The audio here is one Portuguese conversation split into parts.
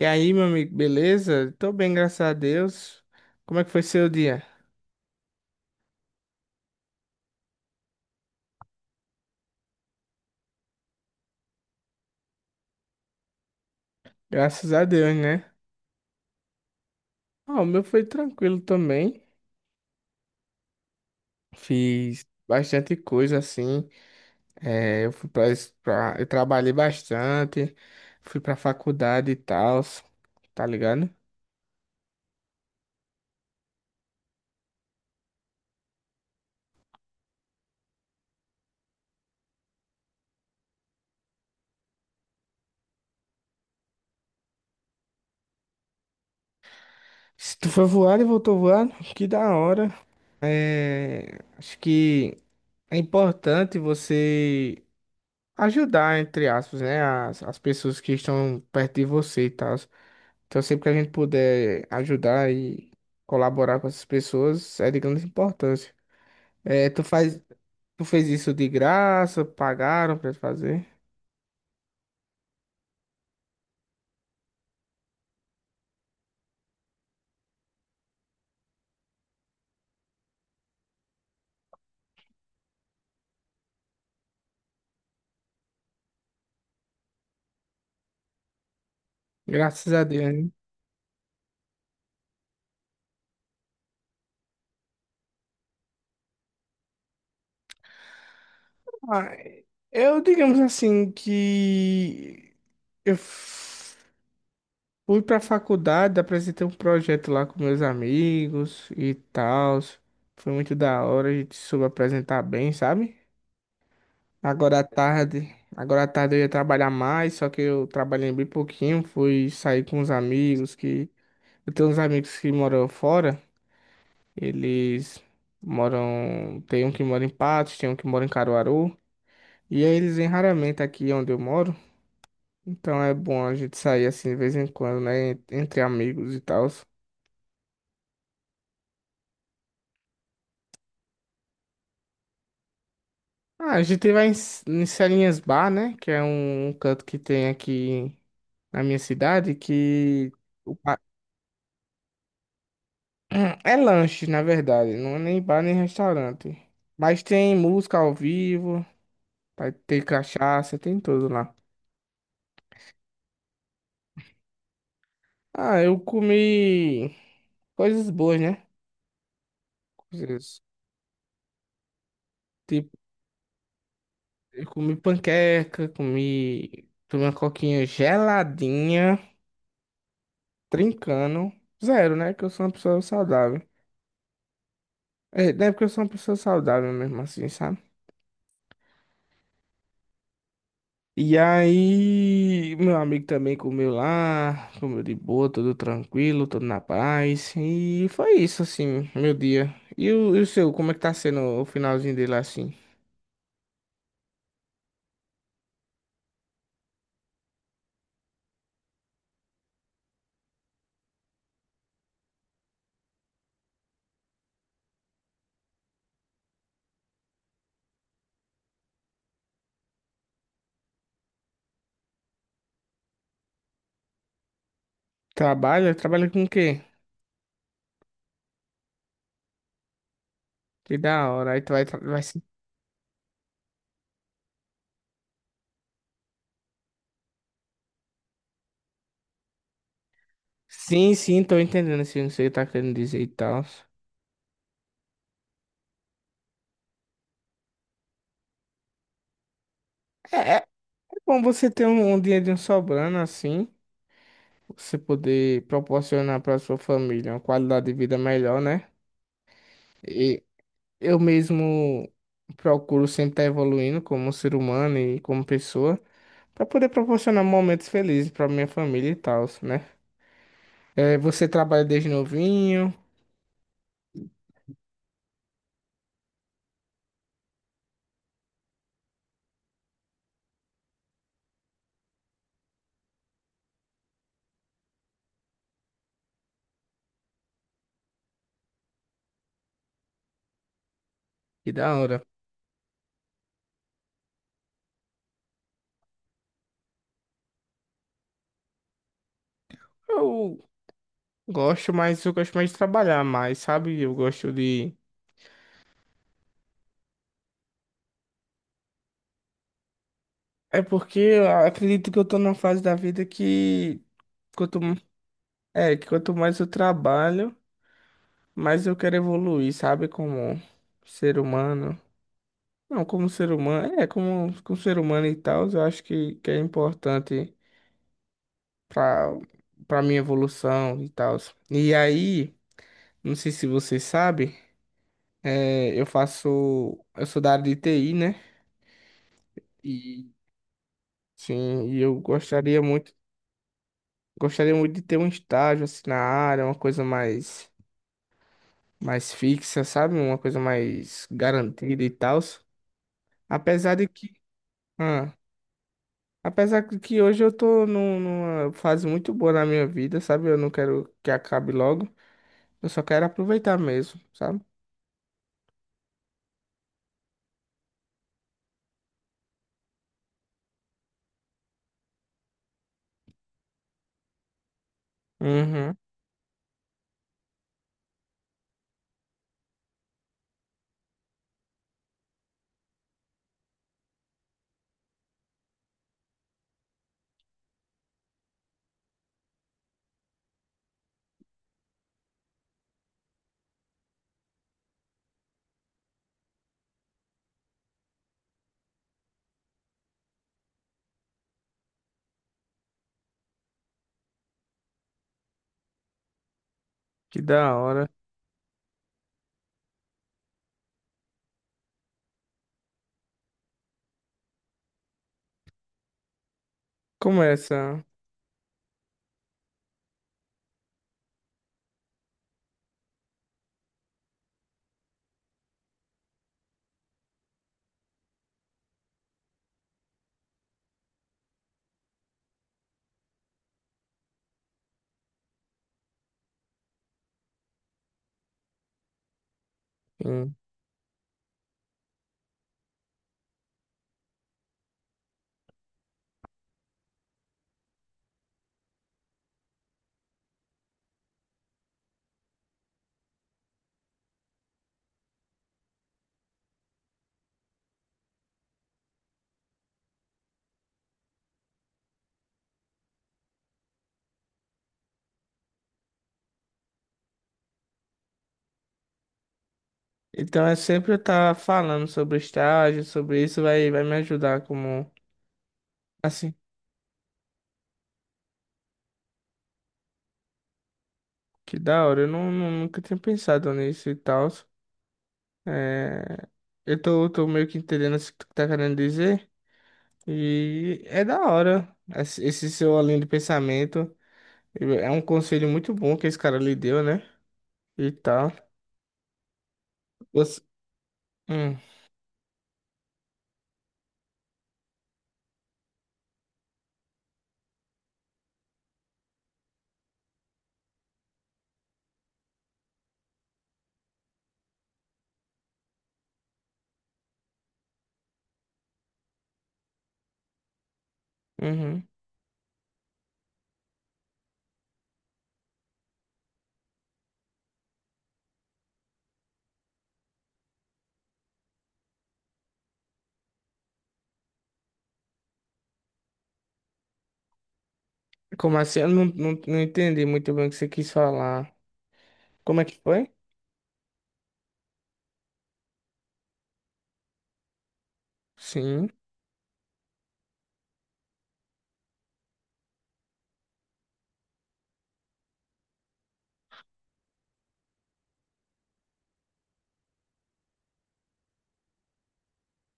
E aí, meu amigo, beleza? Tô bem, graças a Deus. Como é que foi seu dia? Graças a Deus, né? Ah, o meu foi tranquilo também. Fiz bastante coisa assim. É, eu fui pra, es- pra- eu trabalhei bastante, fui pra faculdade e tal, tá ligado? Se tu foi voado e voltou voando, que da hora. É, acho que é importante você ajudar, entre aspas, né, as pessoas que estão perto de você e tal. Então, sempre que a gente puder ajudar e colaborar com essas pessoas, é de grande importância. É, tu fez isso de graça, pagaram pra fazer? Graças a Deus, né? Ah, eu, digamos assim, que eu fui pra faculdade, apresentei um projeto lá com meus amigos e tal. Foi muito da hora, a gente soube apresentar bem, sabe? Agora à tarde eu ia trabalhar mais, só que eu trabalhei bem pouquinho, fui sair com os amigos que eu tenho uns amigos que moram fora, eles moram, tem um que mora em Patos, tem um que mora em Caruaru, e aí eles vêm raramente aqui onde eu moro, então é bom a gente sair assim de vez em quando, né, entre amigos e tal. Ah, a gente vai em, em Celinhas Bar, né, que é um canto que tem aqui na minha cidade que... é lanche, na verdade. Não é nem bar nem restaurante. Mas tem música ao vivo, vai ter cachaça, tem tudo lá. Ah, eu comi coisas boas, né? Coisas tipo, eu comi panqueca, comi, tomei uma coquinha geladinha, trincando. Zero, né? Que eu sou uma pessoa saudável. É, não é porque eu sou uma pessoa saudável mesmo assim, sabe? E aí, meu amigo também comeu lá, comeu de boa, tudo tranquilo, tudo na paz. E foi isso, assim, meu dia. E o seu, como é que tá sendo o finalzinho dele assim? Trabalha? Trabalha com o quê? Que da hora. Aí tu vai... Sim, sim, tô entendendo assim, não sei o que tá querendo dizer e tal. É, é bom você ter um dinheirinho sobrando assim, você poder proporcionar pra sua família uma qualidade de vida melhor, né? Eu mesmo procuro sempre estar evoluindo como ser humano e como pessoa, para poder proporcionar momentos felizes para minha família e tal, né? É, você trabalha desde novinho, que da hora. Eu gosto, mas eu gosto mais de trabalhar mais, sabe? Eu gosto de. É porque eu acredito que eu tô numa fase da vida quanto, que quanto mais eu trabalho, mais eu quero evoluir, sabe? Como ser humano. Não, como ser humano, como, ser humano e tal, eu acho que é importante para para minha evolução e tal. E aí, não sei se você sabe, é, eu faço, eu sou da área de TI, né? E sim, e eu gostaria muito de ter um estágio assim na área, uma coisa mais fixa, sabe? Uma coisa mais garantida e tal. Apesar de que, ah, Apesar que hoje eu tô numa fase muito boa na minha vida, sabe? Eu não quero que acabe logo. Eu só quero aproveitar mesmo, sabe? Uhum. Que da hora. Começa. Hum. Então é sempre eu estar falando sobre estágio, sobre isso, vai me ajudar como. Assim, que da hora. Eu nunca tinha pensado nisso e tal. É, eu tô meio que entendendo o que tu tá querendo dizer. E é da hora esse seu além de pensamento. É um conselho muito bom que esse cara lhe deu, né? E tal. Você... Hum, uhum. Como assim? Eu não entendi muito bem o que você quis falar. Como é que foi? Sim,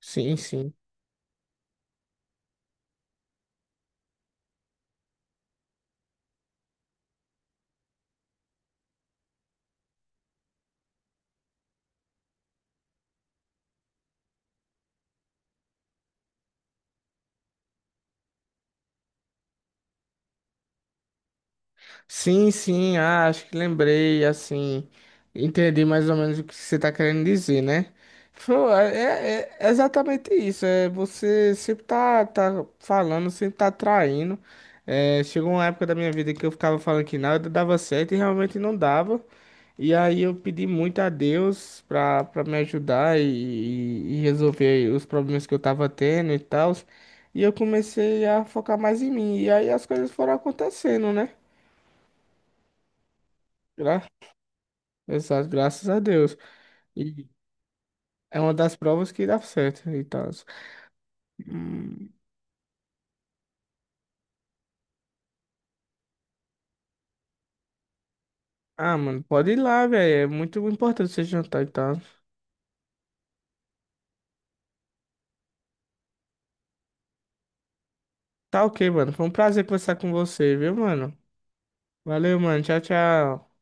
sim, sim. Sim, sim, ah, acho que lembrei, assim. Entendi mais ou menos o que você está querendo dizer, né? Pô, é exatamente isso. É, você sempre tá falando, sempre tá traindo. É, chegou uma época da minha vida que eu ficava falando que nada dava certo e realmente não dava. E aí eu pedi muito a Deus pra me ajudar e resolver os problemas que eu tava tendo e tal. E eu comecei a focar mais em mim. E aí as coisas foram acontecendo, né? Gra Exato, graças a Deus. E é uma das provas que dá certo e tal. Hum, Ah, mano, pode ir lá, velho. É muito importante você jantar e tal. Tá ok, mano. Foi um prazer conversar com você, viu, mano? Valeu, mano. Tchau, tchau.